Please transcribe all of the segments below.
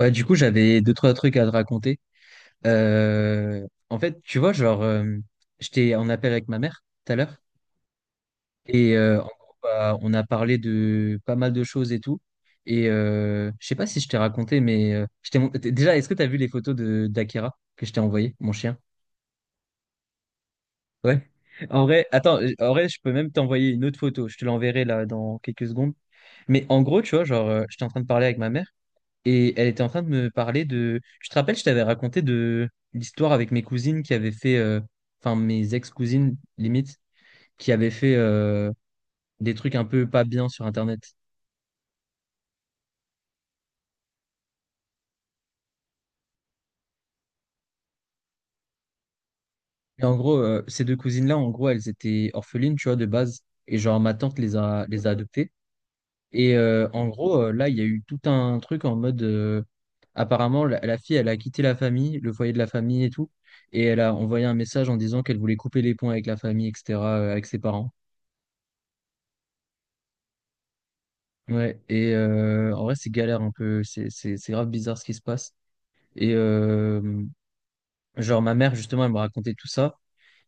Ouais, du coup, j'avais deux, trois trucs à te raconter. Euh, en fait, tu vois, j'étais en appel avec ma mère tout à l'heure. En gros, bah, on a parlé de pas mal de choses et tout. Je sais pas si je t'ai raconté, mais déjà, est-ce que t'as vu les photos de d'Akira que je t'ai envoyé, mon chien? Ouais. En vrai, attends, en vrai, je peux même t'envoyer une autre photo. Je te l'enverrai là dans quelques secondes. Mais en gros, tu vois, j'étais en train de parler avec ma mère. Et elle était en train de me parler de... Je te rappelle, je t'avais raconté de l'histoire avec mes cousines qui avaient fait... Enfin, mes ex-cousines, limite, qui avaient fait des trucs un peu pas bien sur Internet. Et en gros, ces deux cousines-là, en gros, elles étaient orphelines, tu vois, de base. Et genre, ma tante les a adoptées. En gros, là, il y a eu tout un truc en mode... apparemment, la fille, elle a quitté la famille, le foyer de la famille et tout. Et elle a envoyé un message en disant qu'elle voulait couper les ponts avec la famille, etc., avec ses parents. Ouais, en vrai, c'est galère un peu. C'est grave bizarre ce qui se passe. Et euh, genre, ma mère, justement, elle me racontait tout ça.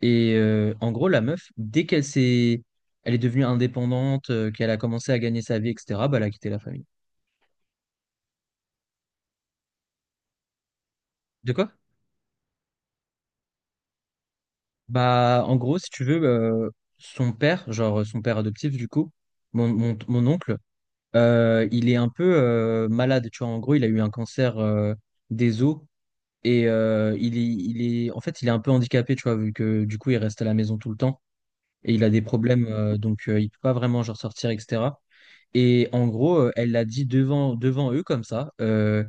En gros, la meuf, dès qu'elle s'est. Elle est devenue indépendante, qu'elle a commencé à gagner sa vie, etc., bah, elle a quitté la famille. De quoi? Bah, en gros, si tu veux, son père, genre son père adoptif, du coup, mon oncle, il est un peu malade. Tu vois, en gros, il a eu un cancer des os. Il est, en fait, il est un peu handicapé, tu vois, vu que du coup, il reste à la maison tout le temps et il a des problèmes, donc il peut pas vraiment genre sortir, etc. Et en gros, elle l'a dit devant eux comme ça.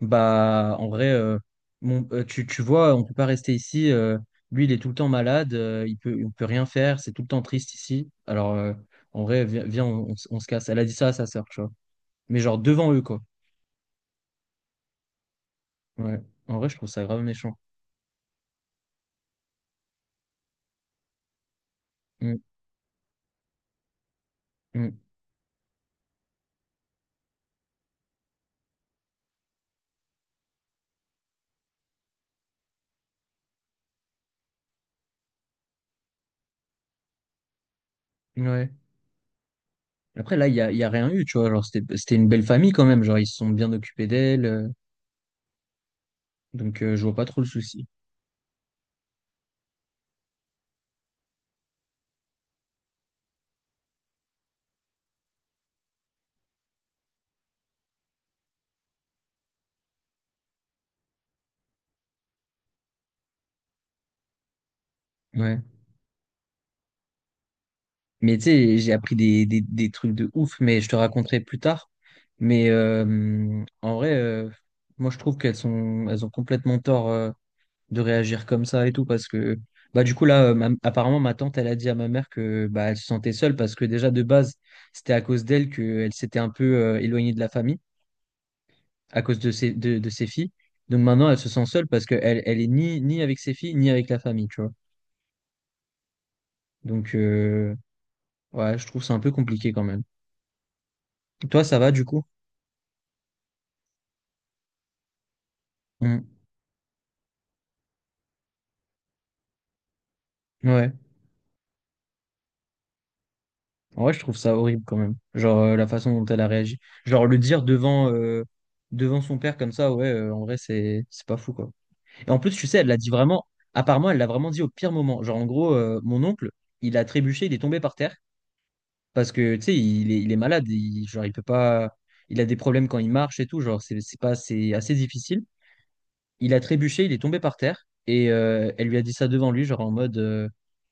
Bah, en vrai, tu vois, on peut pas rester ici. Lui, il est tout le temps malade. On peut rien faire. C'est tout le temps triste ici. Alors, en vrai, viens, on se casse. Elle a dit ça à sa sœur, tu vois. Mais genre devant eux, quoi. Ouais. En vrai, je trouve ça grave méchant. Mm, mm. Ouais. Après, là, il y a rien eu, tu vois. Genre, c'était une belle famille quand même. Genre, ils se sont bien occupés d'elle. Donc, je vois pas trop le souci. Ouais. Mais tu sais, j'ai appris des trucs de ouf, mais je te raconterai plus tard. Mais en vrai, moi, je trouve elles ont complètement tort de réagir comme ça et tout. Parce que, bah, du coup, là, apparemment, ma tante, elle a dit à ma mère que, bah, elle se sentait seule parce que déjà, de base, c'était à cause d'elle qu'elle s'était un peu éloignée de la famille. À cause de de ses filles. Donc maintenant, elle se sent seule parce qu'elle elle est ni avec ses filles, ni avec la famille, tu vois. Donc, ouais, je trouve ça un peu compliqué quand même. Toi, ça va du coup? Mm. Ouais. En vrai, je trouve ça horrible quand même. Genre, la façon dont elle a réagi. Genre, le dire devant son père comme ça, ouais, en vrai, c'est pas fou, quoi. Et en plus, tu sais, elle l'a dit vraiment, apparemment, elle l'a vraiment dit au pire moment. Genre, en gros, mon oncle, il a trébuché, il est tombé par terre. Parce que, tu sais, il est malade. Il, genre, il peut pas. Il a des problèmes quand il marche et tout. Genre, c'est pas, c'est assez difficile. Il a trébuché, il est tombé par terre. Elle lui a dit ça devant lui, genre en mode.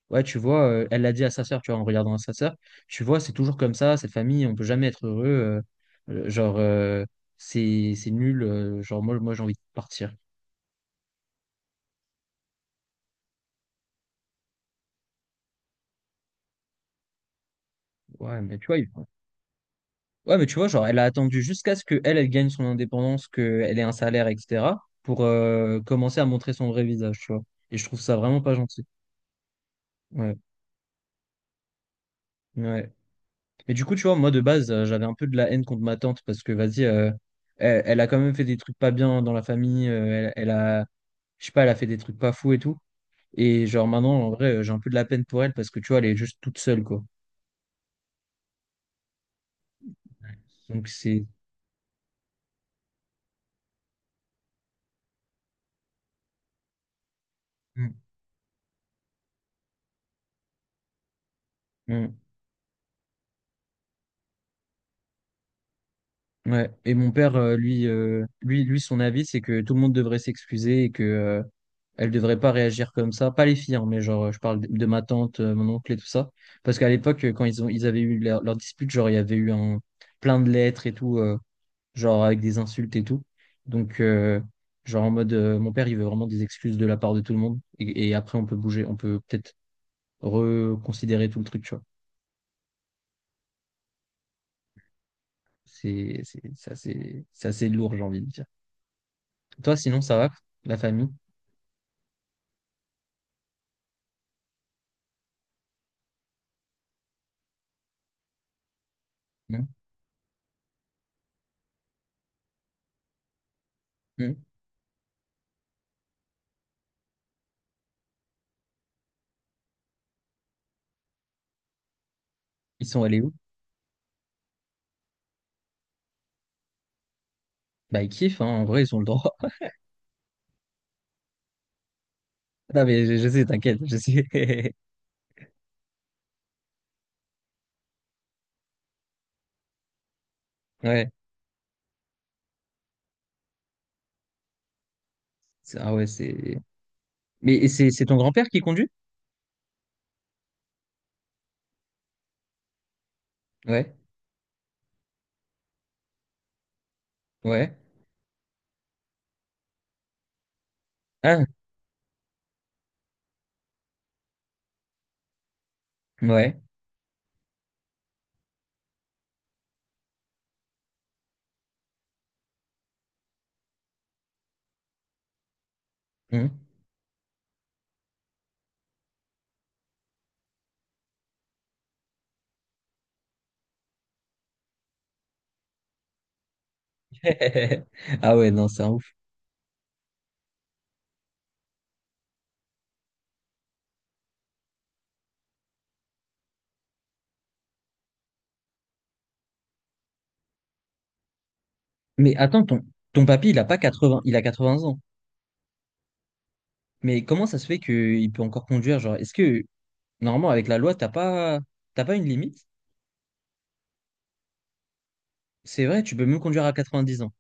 Ouais, tu vois, elle l'a dit à sa sœur, tu vois, en regardant à sa sœur. Tu vois, c'est toujours comme ça, cette famille, on peut jamais être heureux. euh, genre, euh, c'est nul. Genre, moi j'ai envie de partir. Ouais, mais tu vois, Ouais, mais tu vois, genre, elle a attendu jusqu'à ce que elle gagne son indépendance, qu'elle ait un salaire, etc., pour commencer à montrer son vrai visage, tu vois. Et je trouve ça vraiment pas gentil. Ouais, ouais. Mais du coup, tu vois, moi, de base, j'avais un peu de la haine contre ma tante parce que, vas-y, elle a quand même fait des trucs pas bien dans la famille. Elle a, je sais pas, elle a fait des trucs pas fous et tout. Et genre, maintenant, en vrai, j'ai un peu de la peine pour elle parce que, tu vois, elle est juste toute seule, quoi. Donc, c'est. Mm, mm. Ouais. Et mon père, lui, son avis, c'est que tout le monde devrait s'excuser et que elle devrait pas réagir comme ça. Pas les filles, hein, mais genre, je parle de ma tante, mon oncle et tout ça. Parce qu'à l'époque, quand ils avaient eu leur dispute, genre, il y avait eu un, plein de lettres et tout, genre avec des insultes et tout. Donc, genre en mode, mon père, il veut vraiment des excuses de la part de tout le monde. Et après, on peut bouger, on peut peut-être reconsidérer tout le truc, tu vois. C'est assez lourd, j'ai envie de dire. Toi, sinon, ça va, la famille? Mmh, mmh. Ils sont allés où? Bah, ils kiffent, hein, en vrai, ils ont le droit. Non, mais je sais, t'inquiète, je sais. Ouais. C'est- Ah ouais, c'est. Mais c'est ton grand-père qui conduit? Ouais, ouais. Ah, ouais. Mmh. Ah ouais, non, c'est un ouf. Mais attends, ton papy, il a pas 80, il a 80 ans. Mais comment ça se fait qu'il peut encore conduire? Genre, est-ce que, normalement, avec la loi, t'as pas une limite? C'est vrai, tu peux même conduire à 90 ans.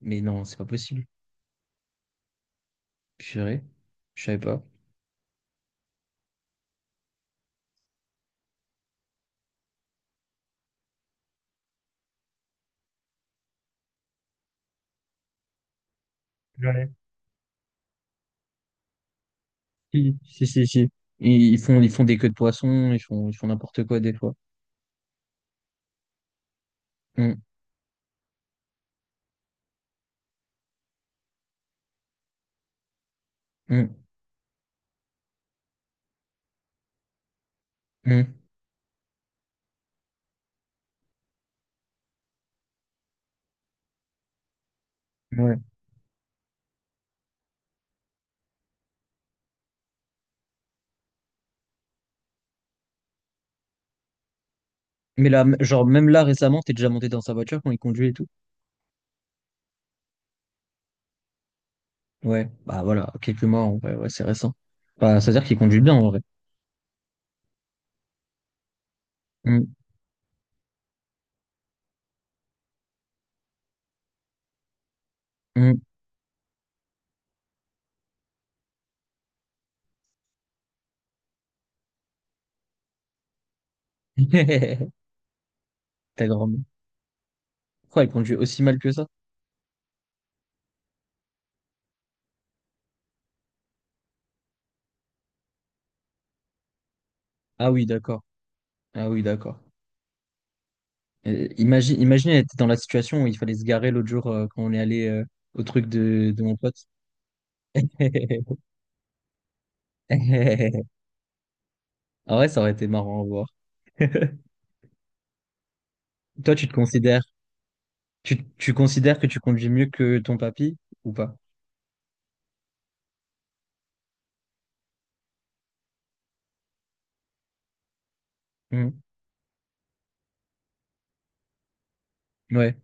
Mais non, c'est pas possible. Purée, je savais pas. Si, si, si, si. Et ils font, des queues de poisson, ils font n'importe quoi des fois. Mm, mm, mm. Ouais. Mais là, genre, même là, récemment, t'es déjà monté dans sa voiture quand il conduit et tout. Ouais, bah voilà, quelques mois, en vrai, ouais, c'est récent. Bah, c'est-à-dire qu'il conduit bien, en vrai. Mm, mm. Ta grand-mère. Quoi, il conduit aussi mal que ça? Ah oui, d'accord. Ah oui, d'accord. Imagine, elle était dans la situation où il fallait se garer l'autre jour quand on est allé au truc de mon pote. Ah ouais, ça aurait été marrant à voir. Toi, tu te considères tu considères que tu conduis mieux que ton papy ou pas? Hmm. Ouais.